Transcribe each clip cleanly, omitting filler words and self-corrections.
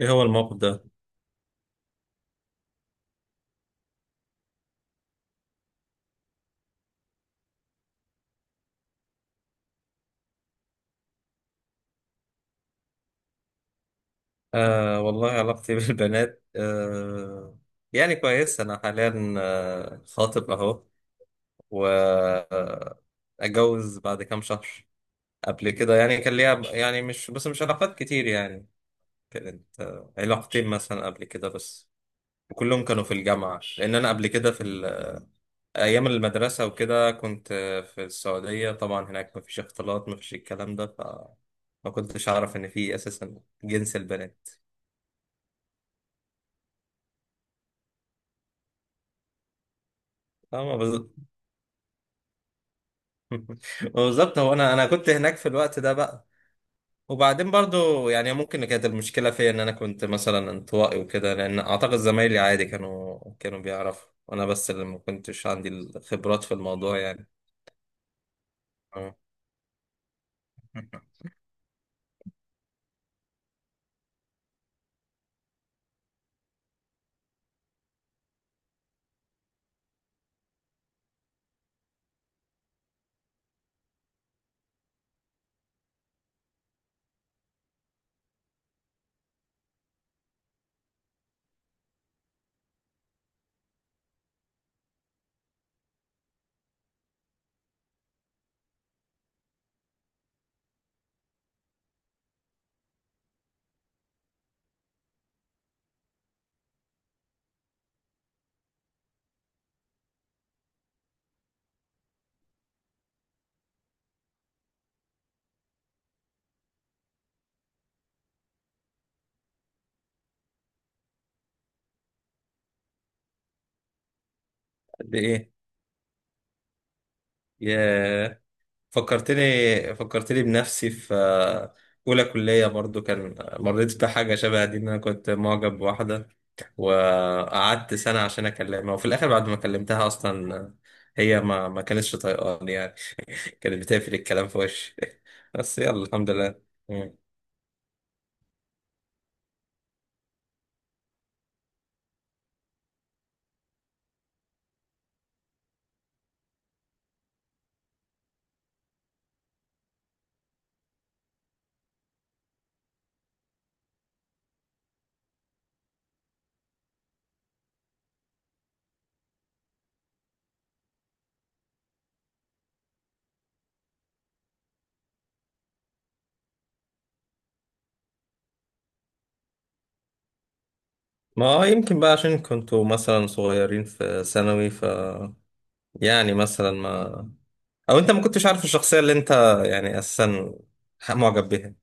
ايه هو الموقف ده؟ والله علاقتي بالبنات، يعني كويس. انا حاليا خاطب اهو، و اتجوز بعد كام شهر. قبل كده يعني كان ليا، يعني مش بس مش علاقات كتير يعني. كانت علاقتين مثلا قبل كده بس. كلهم كانوا في الجامعة، لأن أنا قبل كده في أيام المدرسة وكده كنت في السعودية. طبعا هناك مفيش اختلاط، مفيش الكلام ده. ف ما كنتش أعرف إن في أساسا جنس البنات. اه بالظبط. هو انا كنت هناك في الوقت ده بقى. وبعدين برضو يعني ممكن كانت المشكله فيا ان انا كنت مثلا انطوائي وكده، لان اعتقد زمايلي عادي كانوا بيعرفوا، وانا بس اللي ما كنتش عندي الخبرات في الموضوع يعني. اه قد ايه؟ يا فكرتني فكرتني بنفسي في اولى كليه برضو. كان مريت بحاجه شبه دي ان انا كنت معجب بواحده، وقعدت سنة عشان أكلمها. وفي الآخر بعد ما كلمتها أصلا هي ما كانتش طايقاني يعني. كانت بتقفل الكلام في وشي. بس يلا الحمد لله. مم. ما يمكن بقى عشان كنتوا مثلا صغيرين في ثانوي. ف يعني مثلا ما، أو أنت ما كنتش عارف الشخصية اللي أنت يعني أساسا معجب بيها.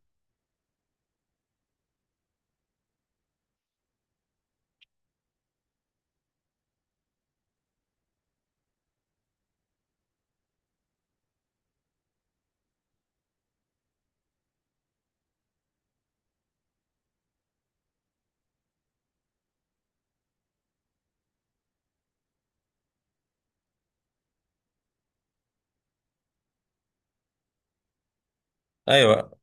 أيوه.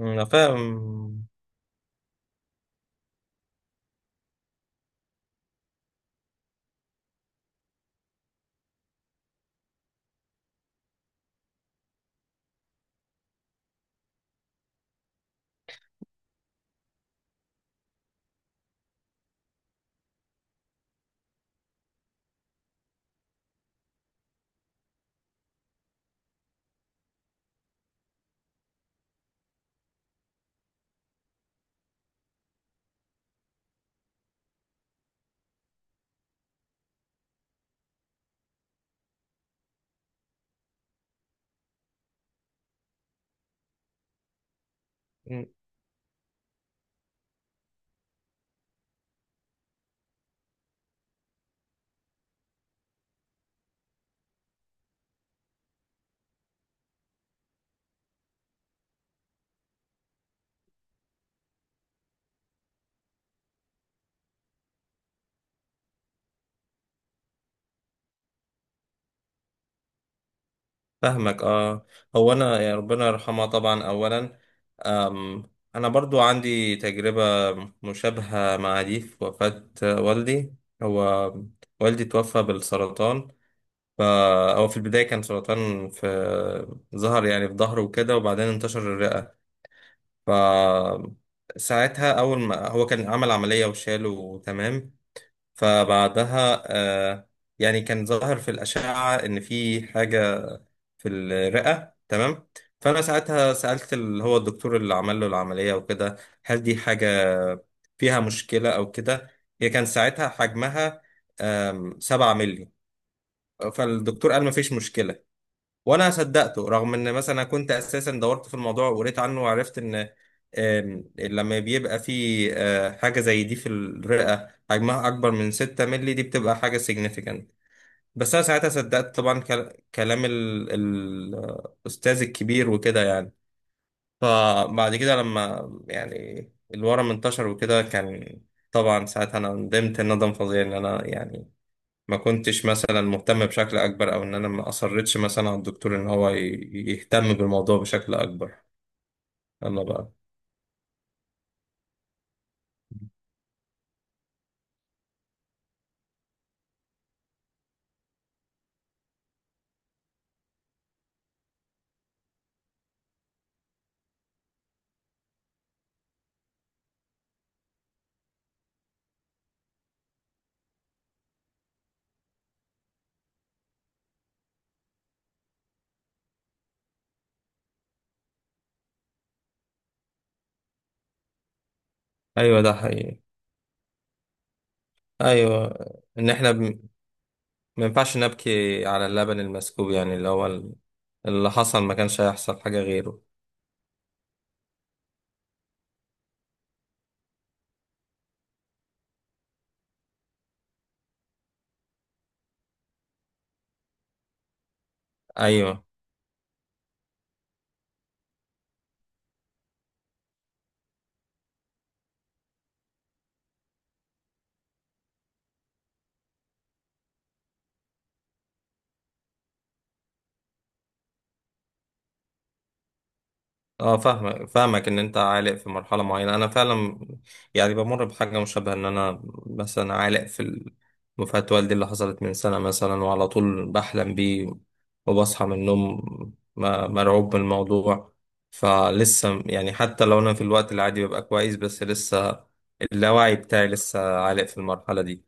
أنا فاهم. فاهمك اه. هو انا، يا ربنا يرحمها طبعا اولا. أم انا برضو عندي تجربة مشابهة مع دي في وفاة والدي. هو والدي توفى بالسرطان. ف- هو في البداية كان سرطان في ظهر، يعني في ظهره وكده، وبعدين انتشر الرئة. ف ساعتها اول ما هو كان عمل عملية وشاله تمام. فبعدها آه يعني كان ظاهر في الأشعة إن في حاجة في الرئة تمام. فأنا ساعتها سألت اللي هو الدكتور اللي عمل له العملية وكده، هل دي حاجة فيها مشكلة أو كده. هي كان ساعتها حجمها 7 مللي. فالدكتور قال مفيش مشكلة. وأنا صدقته، رغم إن مثلا أنا كنت أساسا دورت في الموضوع وقريت عنه وعرفت إن لما بيبقى في حاجة زي دي في الرئة حجمها أكبر من 6 مللي دي بتبقى حاجة significant. بس انا ساعتها صدقت طبعا كلام الاستاذ الكبير وكده يعني. فبعد كده لما يعني الورم انتشر وكده كان، طبعا ساعتها انا ندمت ندم فظيع ان انا يعني ما كنتش مثلا مهتم بشكل اكبر، او ان انا ما اصرتش مثلا على الدكتور ان هو يهتم بالموضوع بشكل اكبر. يلا بقى. ايوه ده حقيقي. ايوه. ان احنا ما ينفعش نبكي على اللبن المسكوب، يعني اللي هو اللي حصل ما كانش هيحصل حاجة غيره. ايوه. اه فاهمك، فاهمك ان انت عالق في مرحله معينه. انا فعلا يعني بمر بحاجه مشابهه ان انا مثلا عالق في مفات والدي اللي حصلت من سنه مثلا، وعلى طول بحلم بيه وبصحى من النوم مرعوب من الموضوع. فلسه يعني حتى لو انا في الوقت العادي ببقى كويس، بس لسه اللاوعي بتاعي لسه عالق في المرحله دي.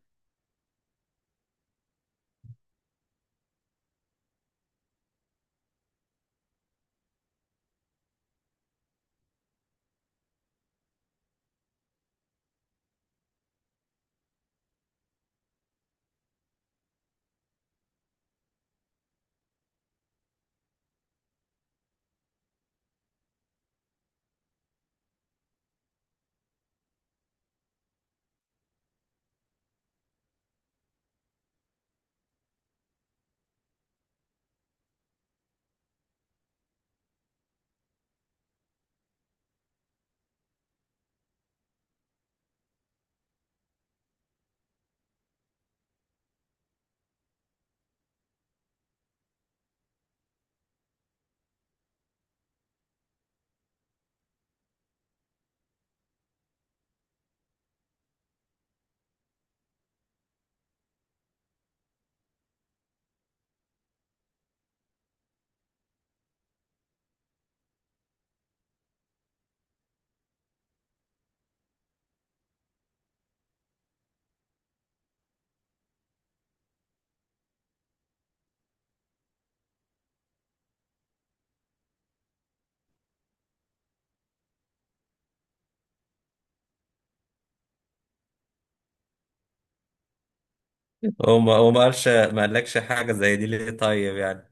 وما قالش، ما قالكش حاجه زي دي ليه طيب يعني؟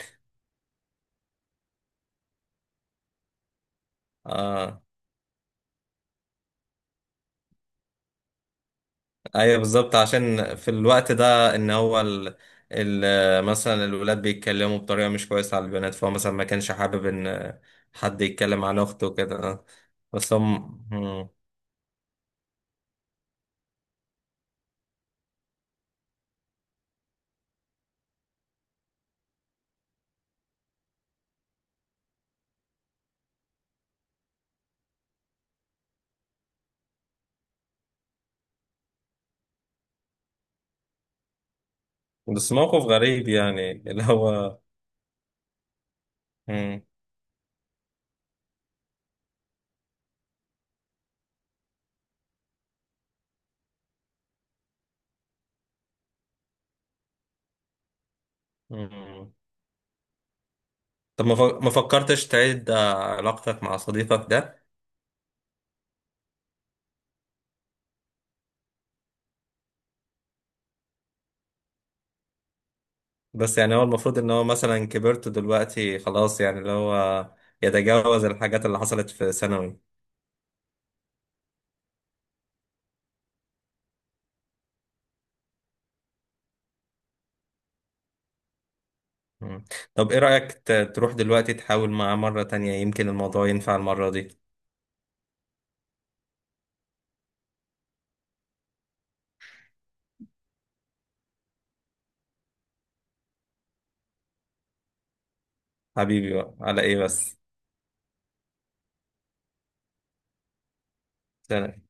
اه. ايوه بالظبط، عشان في الوقت ده ان هو مثلا الولاد بيتكلموا بطريقه مش كويسه على البنات، فهو مثلا ما كانش حابب ان حد يتكلم عن اخته وكده. بس هم مم. بس موقف غريب يعني اللي هو. مم. مم. طب ما ما فكرتش تعيد علاقتك مع صديقك ده؟ بس يعني هو المفروض ان هو مثلا كبرت دلوقتي خلاص، يعني اللي هو يتجاوز الحاجات اللي حصلت في ثانوي. مم. طب ايه رأيك تروح دلوقتي تحاول معاه مرة تانية، يمكن الموضوع ينفع المرة دي. حبيبي بقى على ايه بس. سلام.